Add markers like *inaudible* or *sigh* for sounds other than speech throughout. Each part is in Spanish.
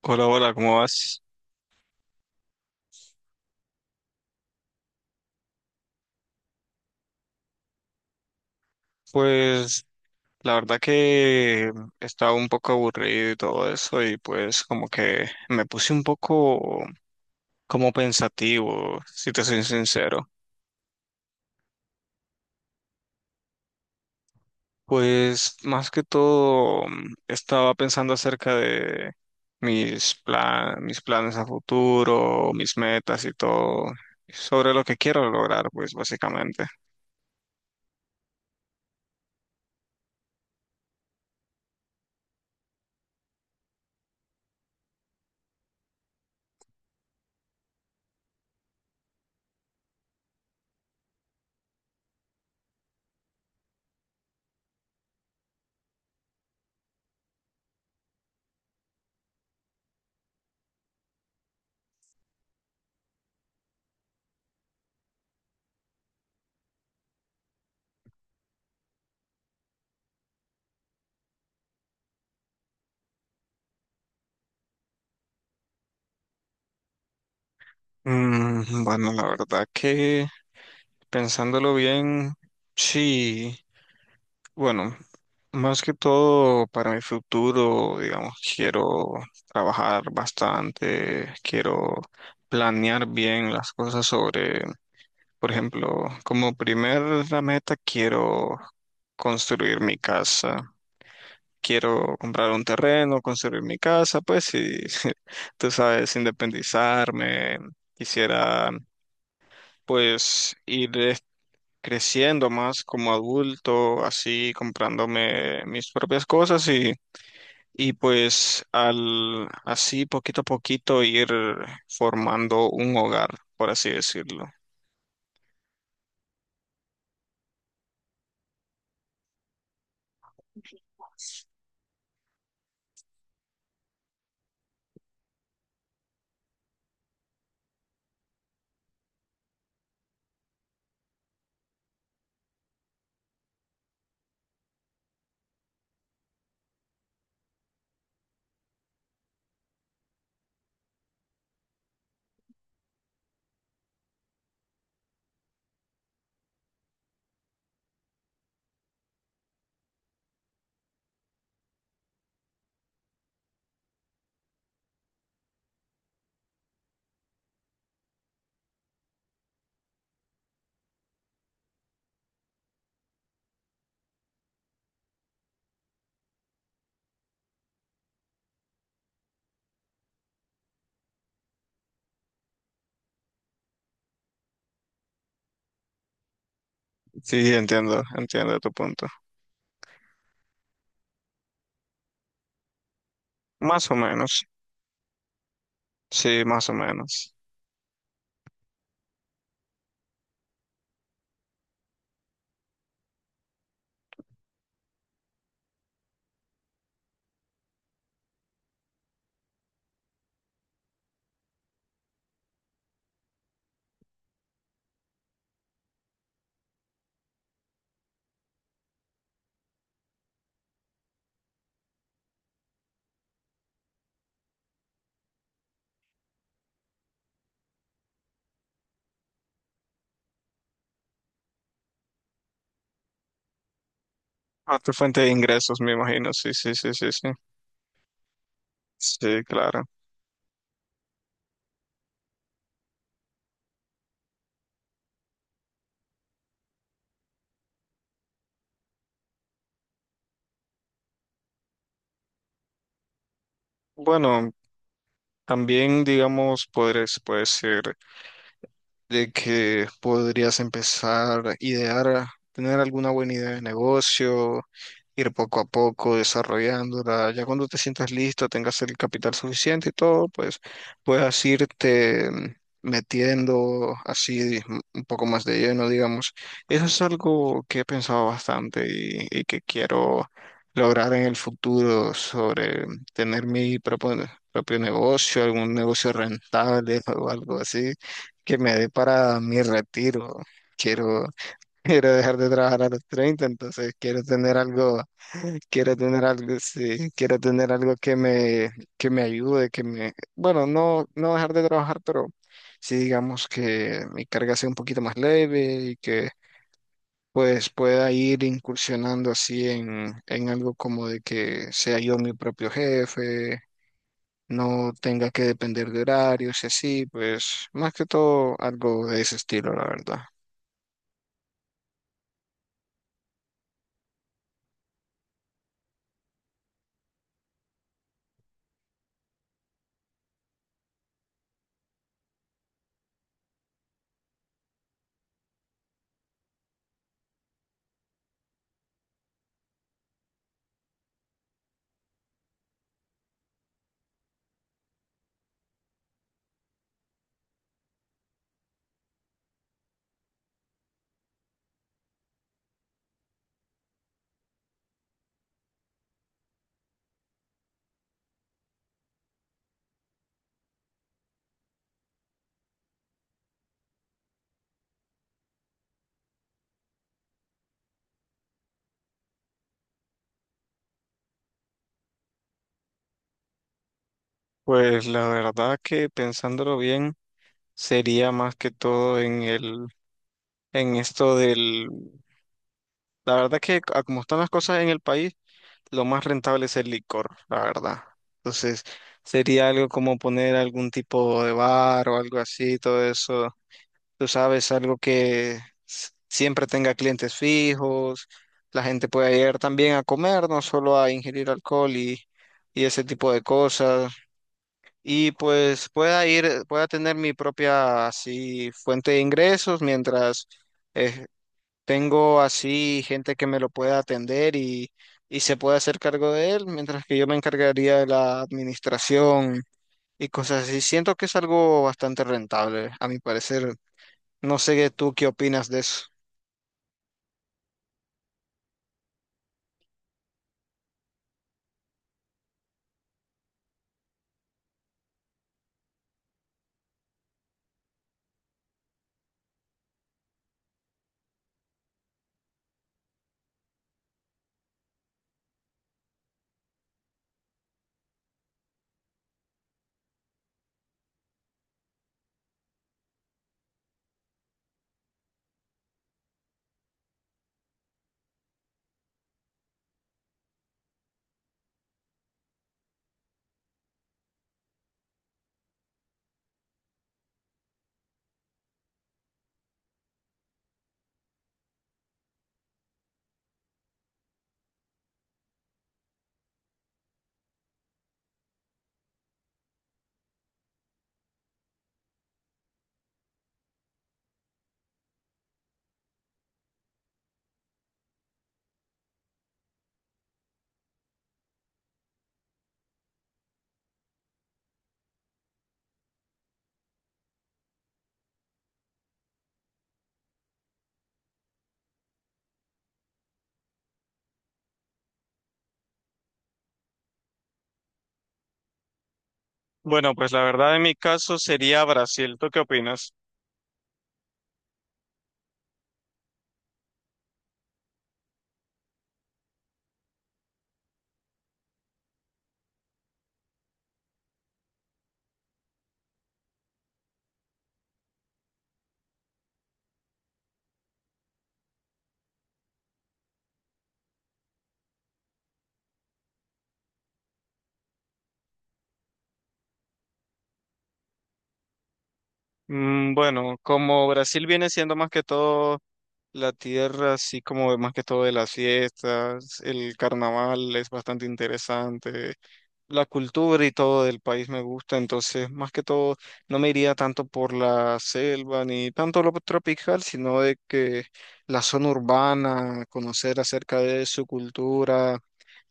Hola, hola, ¿cómo vas? Pues la verdad que estaba un poco aburrido y todo eso y pues como que me puse un poco como pensativo, si te soy sincero. Pues más que todo estaba pensando acerca de mis planes a futuro, mis metas y todo, sobre lo que quiero lograr, pues básicamente. Bueno, la verdad que pensándolo bien, sí. Bueno, más que todo para mi futuro, digamos, quiero trabajar bastante, quiero planear bien las cosas sobre, por ejemplo, como primera meta quiero construir mi casa, quiero comprar un terreno, construir mi casa, pues y *laughs* tú sabes, independizarme, quisiera pues ir creciendo más como adulto, así comprándome mis propias cosas y pues al así poquito a poquito ir formando un hogar, por así decirlo. Sí, entiendo, entiendo tu punto. Más o menos, sí, más o menos. A tu fuente de ingresos, me imagino, sí, sí, sí, sí, sí. Sí, claro. Bueno, también digamos, podrías, puede ser de que podrías empezar a idear, a tener alguna buena idea de negocio ir poco a poco desarrollándola. Ya cuando te sientas listo, tengas el capital suficiente y todo, pues puedas irte metiendo así un poco más de lleno, digamos. Eso es algo que he pensado bastante y que quiero lograr en el futuro sobre tener mi propio negocio, algún negocio rentable *laughs* o algo así que me dé para mi retiro. Quiero, *laughs* quiero dejar de trabajar a los treinta, entonces quiero tener algo. Quiero tener algo, sí, quiero tener algo que me ayude, que me, bueno, no, no dejar de trabajar, pero sí digamos que mi carga sea un poquito más leve y que pues pueda ir incursionando así en algo como de que sea yo mi propio jefe, no tenga que depender de horarios y así, pues más que todo algo de ese estilo, la verdad. Pues la verdad que pensándolo bien, sería más que todo en el en esto del... La verdad que a como están las cosas en el país, lo más rentable es el licor, la verdad. Entonces, sería algo como poner algún tipo de bar o algo así, todo eso. Tú sabes, algo que siempre tenga clientes fijos, la gente pueda ir también a comer, no solo a ingerir alcohol y ese tipo de cosas. Y pues pueda ir, pueda tener mi propia así fuente de ingresos mientras eh, tengo así gente que me lo pueda atender y se puede hacer cargo de él, mientras que yo me encargaría de la administración y cosas así. Siento que es algo bastante rentable, a mi parecer. No sé tú qué opinas de eso. Bueno, pues la verdad en mi caso sería Brasil. ¿Tú qué opinas? Bueno, como Brasil viene siendo más que todo la tierra, así como más que todo de las fiestas, el carnaval es bastante interesante. La cultura y todo del país me gusta, entonces más que todo no me iría tanto por la selva ni tanto lo tropical, sino de que la zona urbana, conocer acerca de su cultura.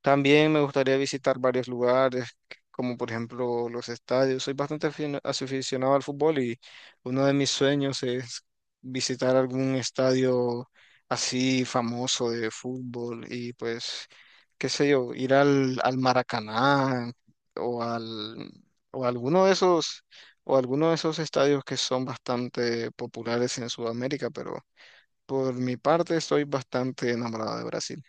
También me gustaría visitar varios lugares, como por ejemplo los estadios. Soy bastante aficionado al fútbol y uno de mis sueños es visitar algún estadio así famoso de fútbol y pues, qué sé yo, ir al Maracaná o al o alguno de esos o alguno de esos estadios que son bastante populares en Sudamérica, pero por mi parte estoy bastante enamorado de Brasil.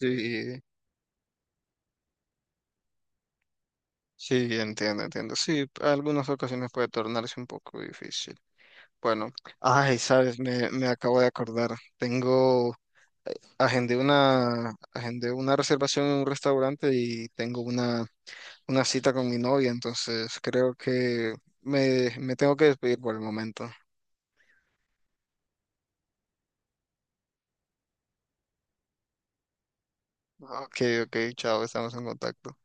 Sí, sí, entiendo, entiendo. Sí, algunas ocasiones puede tornarse un poco difícil. Bueno, ay, sabes, me acabo de acordar. Tengo, agendé una reservación en un restaurante y tengo una cita con mi novia, entonces creo que me tengo que despedir por el momento. Ok, ok, chao, estamos en contacto.